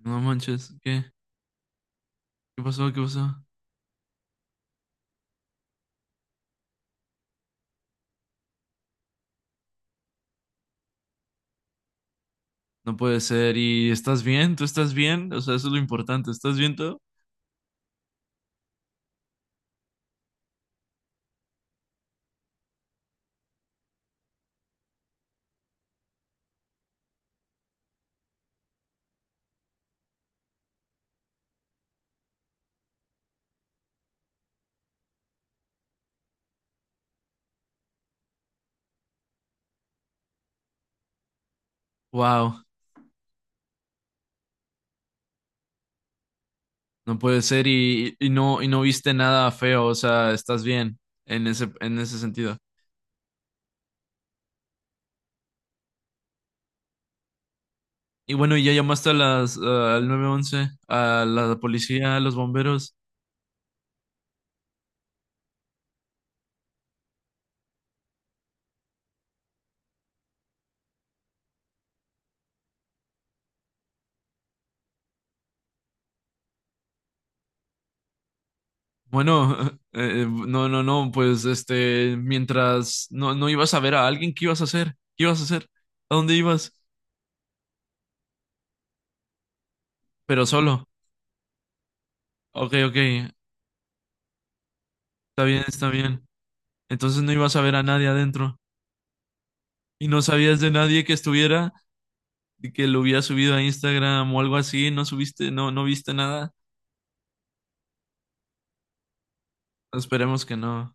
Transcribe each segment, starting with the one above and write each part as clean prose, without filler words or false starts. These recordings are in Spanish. No manches, ¿qué? ¿Qué pasó? ¿Qué pasó? No puede ser. ¿Y estás bien? ¿Tú estás bien? O sea, eso es lo importante. ¿Estás bien tú? Wow, no puede ser. Y no, no viste nada feo. O sea, estás bien en ese sentido. Y bueno, ¿y ya llamaste a las, al nueve once, a la policía, a los bomberos? Bueno, no, no, no, pues mientras no, no ibas a ver a alguien, ¿qué ibas a hacer? ¿Qué ibas a hacer? ¿A dónde ibas? Pero solo. Ok, ok, está bien, está bien. Entonces no ibas a ver a nadie adentro y no sabías de nadie que estuviera y que lo hubiera subido a Instagram o algo así, no subiste, no, no viste nada. Esperemos que no.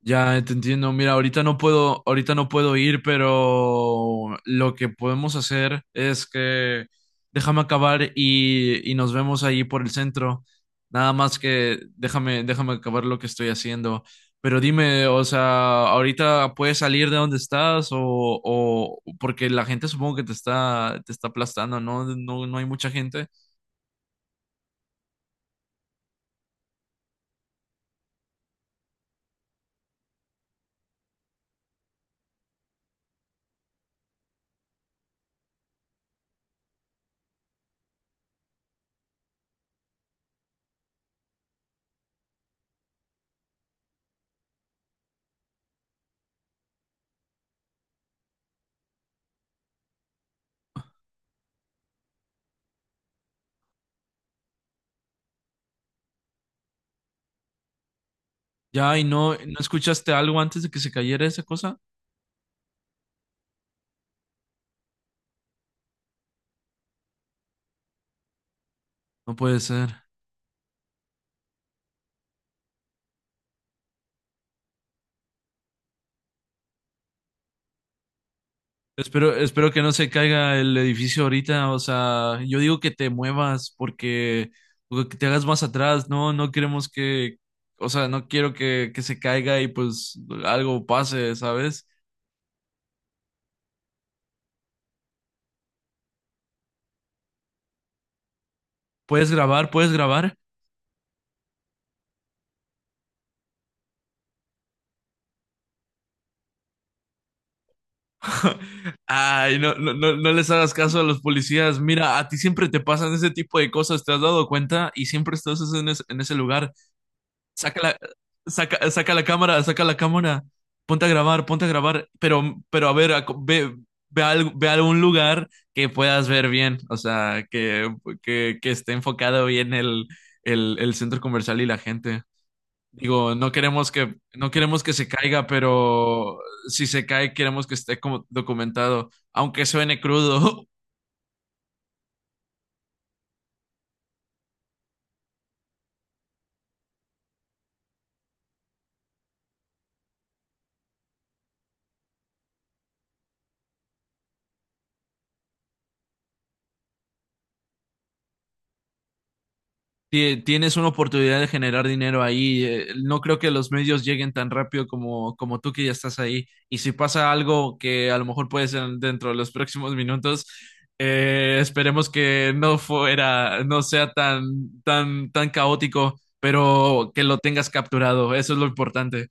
Ya te entiendo. Mira, ahorita no puedo ir, pero lo que podemos hacer es que déjame acabar y nos vemos ahí por el centro. Nada más que déjame acabar lo que estoy haciendo. Pero dime, o sea, ahorita puedes salir de donde estás o porque la gente supongo que te te está aplastando, ¿no? No, no hay mucha gente. Ya, y no, ¿no escuchaste algo antes de que se cayera esa cosa? No puede ser. Espero que no se caiga el edificio ahorita, o sea, yo digo que te muevas porque o que te hagas más atrás, no, no queremos que, o sea, no quiero que se caiga y pues algo pase, ¿sabes? ¿Puedes grabar? ¿Puedes grabar? Ay, no, no, no, no les hagas caso a los policías. Mira, a ti siempre te pasan ese tipo de cosas, ¿te has dado cuenta? Y siempre estás en ese lugar. Saca saca la cámara, ponte a grabar, pero a ver, ve, ve, ve a algún lugar que puedas ver bien, o sea, que esté enfocado bien el centro comercial y la gente. Digo, no queremos que, no queremos que se caiga, pero si se cae, queremos que esté como documentado, aunque suene crudo. Tienes una oportunidad de generar dinero ahí. No creo que los medios lleguen tan rápido como, como tú que ya estás ahí. Y si pasa algo que a lo mejor puede ser dentro de los próximos minutos, esperemos que no fuera, no sea tan, tan, tan caótico, pero que lo tengas capturado. Eso es lo importante.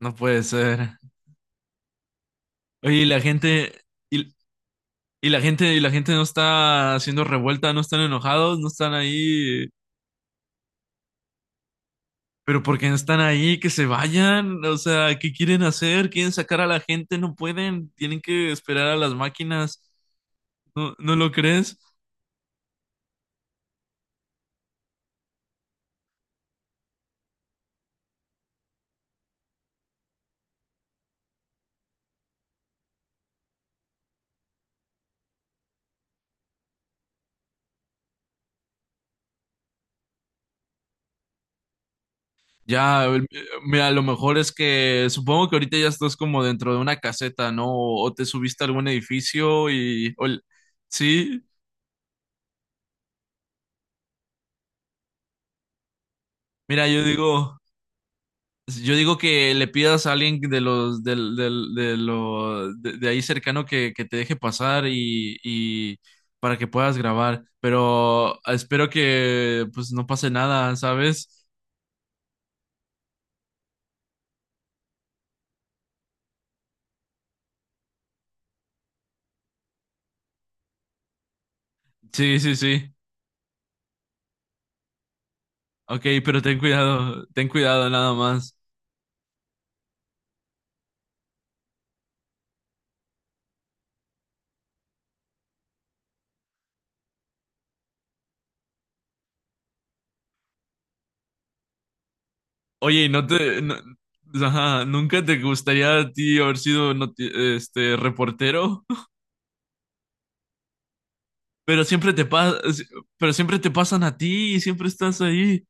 No puede ser. Oye, y la gente, y, y la gente no está haciendo revuelta, no están enojados, no están ahí. Pero ¿por qué no están ahí? Que se vayan. O sea, ¿qué quieren hacer? ¿Quieren sacar a la gente? No pueden. Tienen que esperar a las máquinas. ¿No, no lo crees? Ya, mira, lo mejor es que supongo que ahorita ya estás como dentro de una caseta, ¿no? O te subiste a algún edificio y... o sí, mira, yo digo... Yo digo que le pidas a alguien de los del, del- de, lo, de ahí cercano que te deje pasar y para que puedas grabar, pero espero que pues no pase nada, ¿sabes? Sí, sí, sí. Ok, pero ten cuidado nada más. Oye, ¿y no te ajá, nunca te gustaría a ti haber sido este reportero? Pero siempre te pasa, pero siempre te pasan a ti y siempre estás ahí.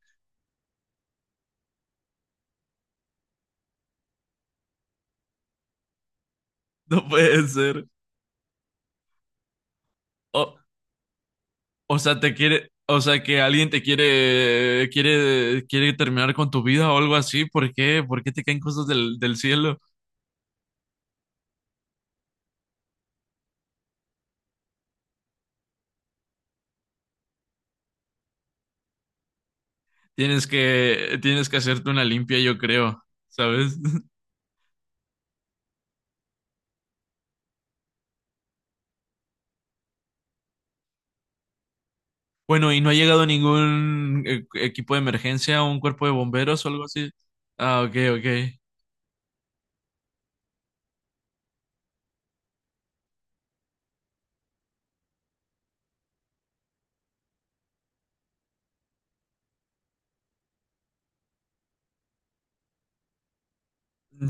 No puede ser. O- O sea, te quiere, o sea, que alguien te quiere, quiere terminar con tu vida o algo así. ¿Por qué? ¿Por qué te caen cosas del cielo? Tienes que hacerte una limpia, yo creo, ¿sabes? Bueno, ¿y no ha llegado ningún equipo de emergencia, un cuerpo de bomberos o algo así? Ah, ok, ok.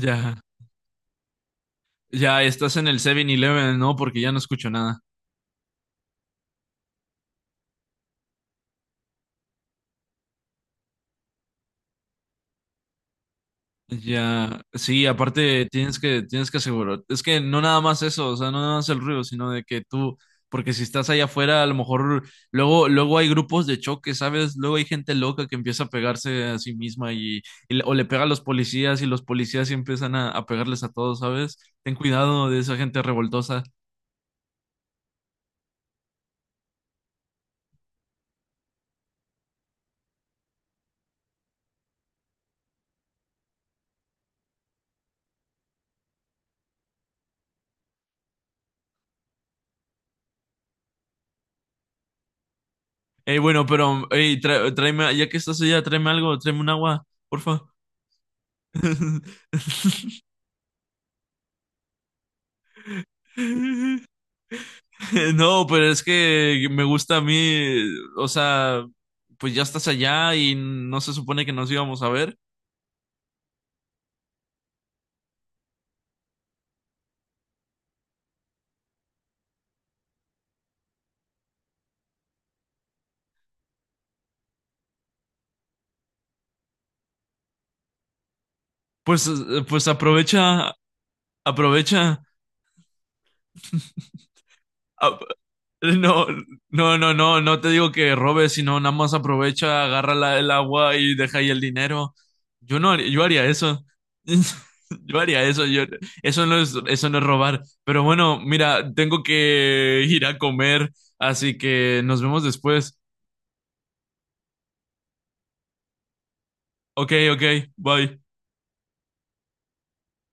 Ya, ya estás en el 7-Eleven, ¿no? Porque ya no escucho nada. Ya, sí, aparte tienes que asegurar, es que no nada más eso, o sea, no nada más el ruido, sino de que tú, porque si estás allá afuera, a lo mejor luego hay grupos de choque, ¿sabes? Luego hay gente loca que empieza a pegarse a sí misma y, o le pega a los policías y los policías sí empiezan a pegarles a todos, ¿sabes? Ten cuidado de esa gente revoltosa. Ey, bueno, pero, ey, tráeme, ya que estás allá, tráeme algo, tráeme un agua, porfa. No, pero es que me gusta a mí, o sea, pues ya estás allá y no se supone que nos íbamos a ver. Pues, pues aprovecha, aprovecha. Ah, no, no, no, no, no te digo que robes, sino nada más aprovecha, agarra el agua y deja ahí el dinero. Yo no, yo haría eso. Yo haría eso, yo, eso no es robar. Pero bueno, mira, tengo que ir a comer, así que nos vemos después. Ok, ok, bye.